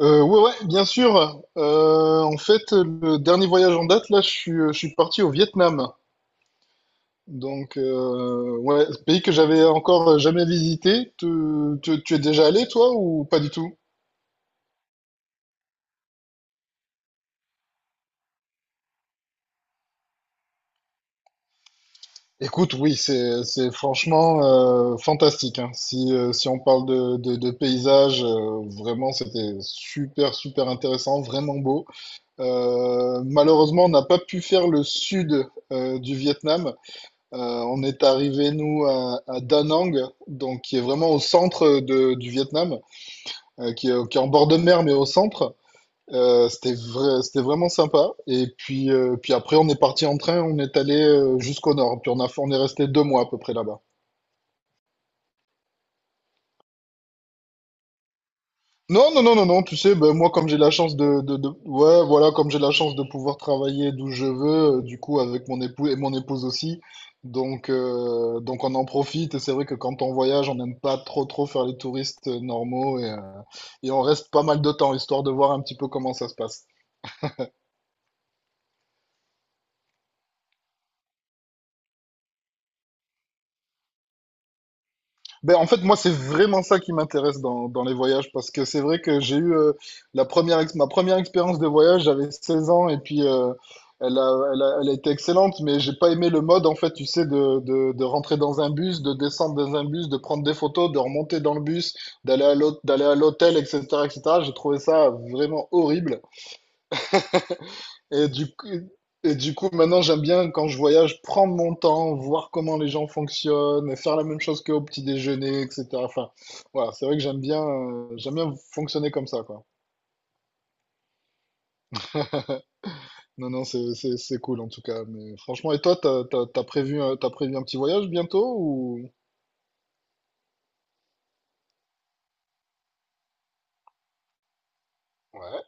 Ouais, ouais, bien sûr. En fait, le dernier voyage en date, là, je suis parti au Vietnam. Donc, ouais, ce pays que j'avais encore jamais visité. Tu es déjà allé, toi, ou pas du tout? Écoute, oui, c'est franchement fantastique, hein. Si, si on parle de paysages, vraiment, c'était super, super intéressant, vraiment beau. Malheureusement, on n'a pas pu faire le sud du Vietnam. Euh, on est arrivé, nous, à Da Nang, donc qui est vraiment au centre du Vietnam, qui est en bord de mer, mais au centre. C'était vraiment sympa. Et puis, puis après, on est parti en train, on est allé jusqu'au nord. Puis on est resté deux mois à peu près là-bas. Non, non, non, non, non, tu sais, ben, moi, comme j'ai la chance ouais, voilà, comme j'ai la chance de pouvoir travailler d'où je veux, du coup, avec mon époux et mon épouse aussi. Donc on en profite. Et c'est vrai que quand on voyage, on n'aime pas trop, trop faire les touristes normaux et on reste pas mal de temps, histoire de voir un petit peu comment ça se passe. Ben, en fait, moi, c'est vraiment ça qui m'intéresse dans les voyages, parce que c'est vrai que j'ai eu ma première expérience de voyage, j'avais 16 ans, et puis elle a été excellente, mais j'ai pas aimé le mode, en fait, tu sais, de rentrer dans un bus, de descendre dans un bus, de prendre des photos, de remonter dans le bus, d'aller à l'hôtel, etc., etc. J'ai trouvé ça vraiment horrible. Et du coup, et du coup, maintenant, j'aime bien quand je voyage prendre mon temps, voir comment les gens fonctionnent, faire la même chose qu'au petit déjeuner, etc. Enfin, voilà, c'est vrai que j'aime bien fonctionner comme ça, quoi. Non, non, c'est cool en tout cas. Mais franchement, et toi, t'as prévu un petit voyage bientôt ou? Ouais.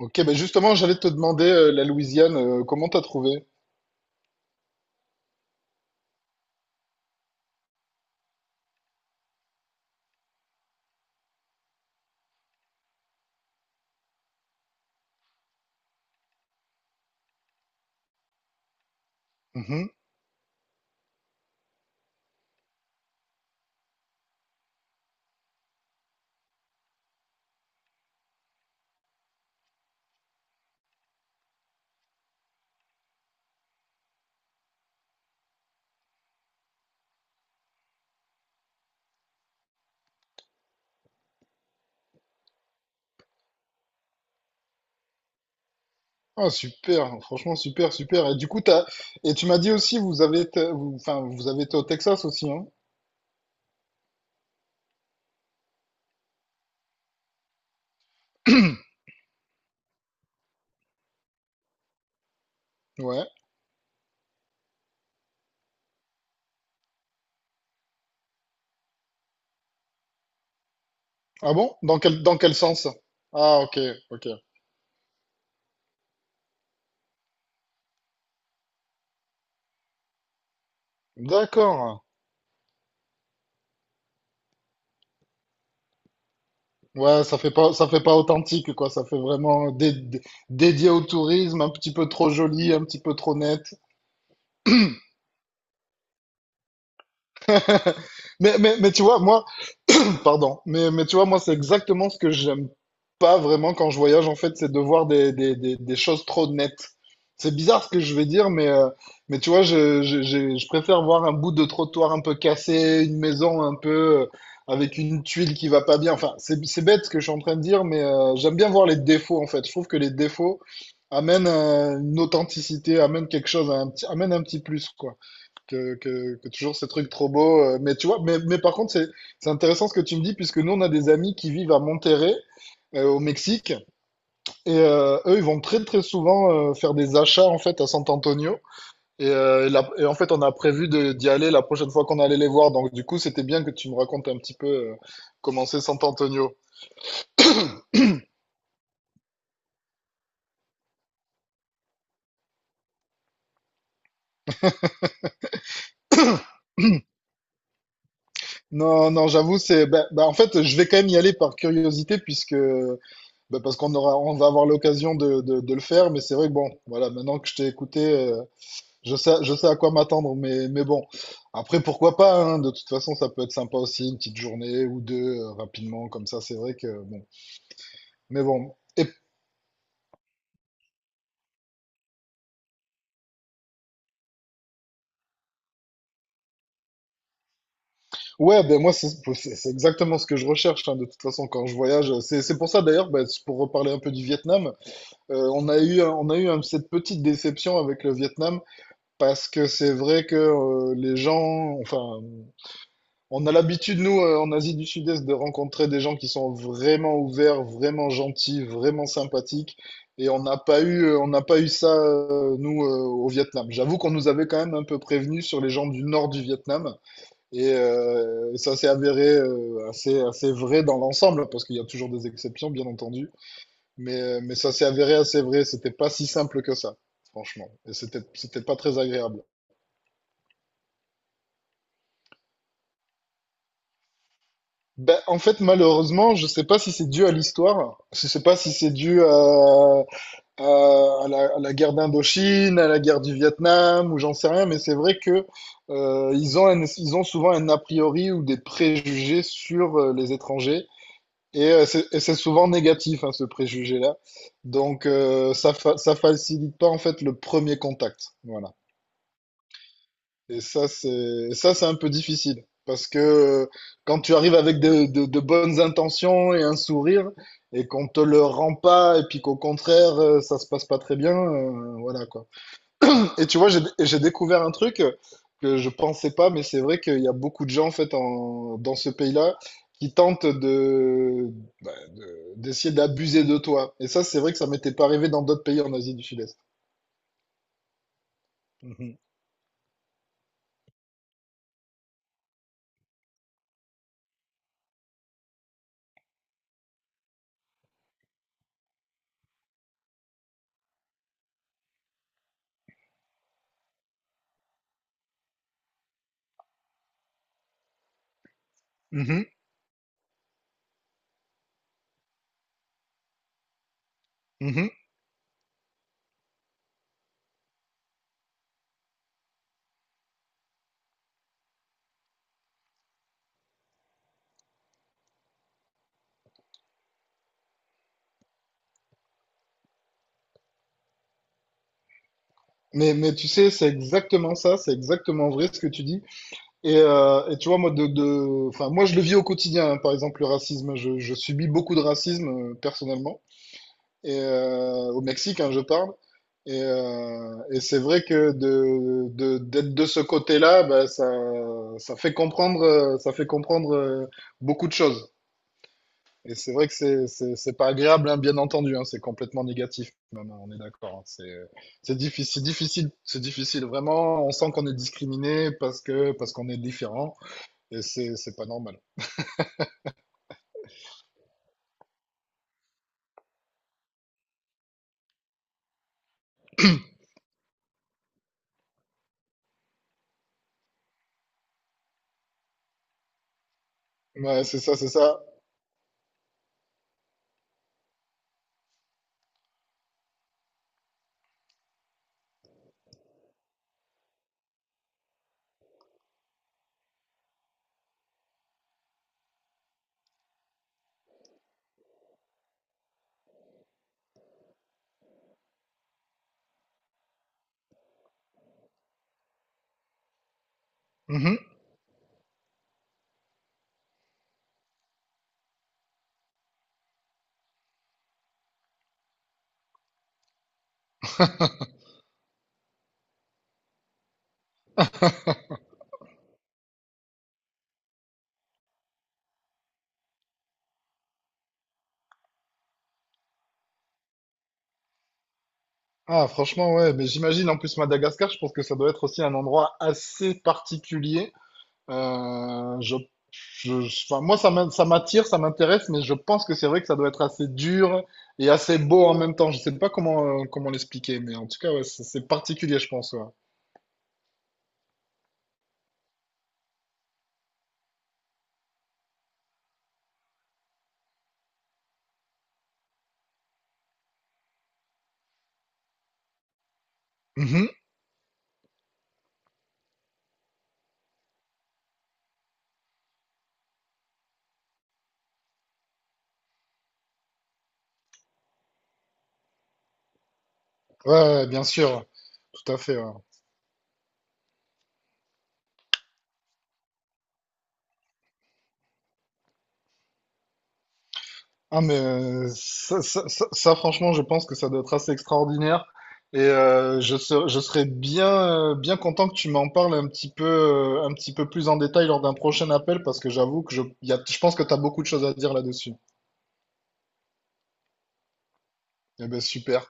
Ok, ben justement, j'allais te demander la Louisiane, comment t'as trouvé? Mhm. Ah, super, franchement, super, super. Et du coup, et tu m'as dit aussi, vous avez été, vous- enfin, vous avez été au Texas aussi, hein? Ouais. Ah bon? Dans quel sens? Ah ok, ok. D'accord. Ouais, ça fait pas authentique, quoi. Ça fait vraiment dédié au tourisme, un petit peu trop joli, un petit peu trop net. Mais tu vois, moi, Pardon. Mais tu vois, moi, c'est exactement ce que j'aime pas vraiment quand je voyage, en fait, c'est de voir des choses trop nettes. C'est bizarre ce que je vais dire, mais tu vois, je préfère voir un bout de trottoir un peu cassé, une maison un peu avec une tuile qui va pas bien. Enfin, c'est bête ce que je suis en train de dire, mais j'aime bien voir les défauts, en fait. Je trouve que les défauts amènent une authenticité, amènent quelque chose, un petit, amènent un petit plus, quoi que toujours ces trucs trop beaux. Mais tu vois, mais par contre, c'est intéressant ce que tu me dis, puisque nous, on a des amis qui vivent à Monterrey, au Mexique, et eux, ils vont très très souvent faire des achats en fait à San Antonio. Et, et en fait, on a prévu de, d'y aller la prochaine fois qu'on allait les voir. Donc, du coup, c'était bien que tu me racontes un petit peu comment c'est San Antonio. Non, non, j'avoue, bah, en fait, je vais quand même y aller par curiosité, puisque bah, parce on va avoir l'occasion de le faire, mais c'est vrai que bon, voilà, maintenant que je t'ai écouté, euh, je sais, je sais à quoi m'attendre, mais bon. Après, pourquoi pas, hein, de toute façon, ça peut être sympa aussi, une petite journée ou deux, rapidement, comme ça, c'est vrai que bon. Mais bon. Et, ouais, ben moi, c'est exactement ce que je recherche, hein, de toute façon, quand je voyage. C'est pour ça, d'ailleurs, ben, c'est pour reparler un peu du Vietnam, on a eu cette petite déception avec le Vietnam, parce que c'est vrai que les gens, enfin, on a l'habitude, nous, en Asie du Sud-Est, de rencontrer des gens qui sont vraiment ouverts, vraiment gentils, vraiment sympathiques. Et on n'a pas eu ça, au Vietnam. J'avoue qu'on nous avait quand même un peu prévenus sur les gens du nord du Vietnam. Et ça s'est avéré assez vrai dans l'ensemble, parce qu'il y a toujours des exceptions, bien entendu. Mais ça s'est avéré assez vrai. C'était pas si simple que ça, franchement. Et c'était pas très agréable. Ben, en fait, malheureusement, je sais pas si c'est dû à l'histoire, je sais pas si c'est dû à la guerre d'Indochine, à la guerre du Vietnam, ou j'en sais rien, mais c'est vrai que ils ont souvent un a priori ou des préjugés sur les étrangers, et c'est et c'est souvent négatif, hein, ce préjugé-là. Donc, ça facilite pas en fait le premier contact. Voilà. Et ça, c'est et ça, c'est un peu difficile. Parce que quand tu arrives avec de bonnes intentions et un sourire, et qu'on te le rend pas, et puis qu'au contraire, ça se passe pas très bien, voilà quoi. Et tu vois, j'ai découvert un truc que je pensais pas, mais c'est vrai qu'il y a beaucoup de gens en fait en, dans ce pays-là qui tentent de, d'essayer d'abuser de toi. Et ça, c'est vrai que ça m'était pas arrivé dans d'autres pays en Asie du Sud-Est. Mhm. Mhm. Mhm. Mais tu sais, c'est exactement ça, c'est exactement vrai ce que tu dis. Et tu vois, moi, enfin, moi, je le vis au quotidien, hein, par exemple, le racisme. Je subis beaucoup de racisme, personnellement, et, au Mexique, hein, je parle. Et c'est vrai que d'être de ce côté-là, bah, ça fait comprendre, beaucoup de choses. Et c'est vrai que c'est pas agréable, hein, bien entendu, hein, c'est complètement négatif, même, hein, on est d'accord, hein, c'est difficile, difficile, c'est difficile, vraiment. On sent qu'on est discriminé parce que parce qu'on est différent, et c'est pas normal. Ouais, c'est ça, c'est ça. Mhm. Ah, franchement, ouais, mais j'imagine en plus Madagascar, je pense que ça doit être aussi un endroit assez particulier. Euh, je, enfin, moi, ça m'attire, ça m'intéresse, mais je pense que c'est vrai que ça doit être assez dur et assez beau en même temps. Je sais pas comment, comment l'expliquer, mais en tout cas, ouais, c'est particulier, je pense. Ouais. Mhm. Ouais, ouais, bien sûr, tout à fait, ouais. Ah, mais ça, franchement, je pense que ça doit être assez extraordinaire. Et je serais bien, bien content que tu m'en parles un petit peu plus en détail lors d'un prochain appel, parce que j'avoue que je, il y a, je pense que tu as beaucoup de choses à dire là-dessus. Eh ben super.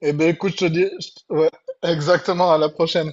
Eh ben écoute, je te dis, je- ouais, exactement, à la prochaine.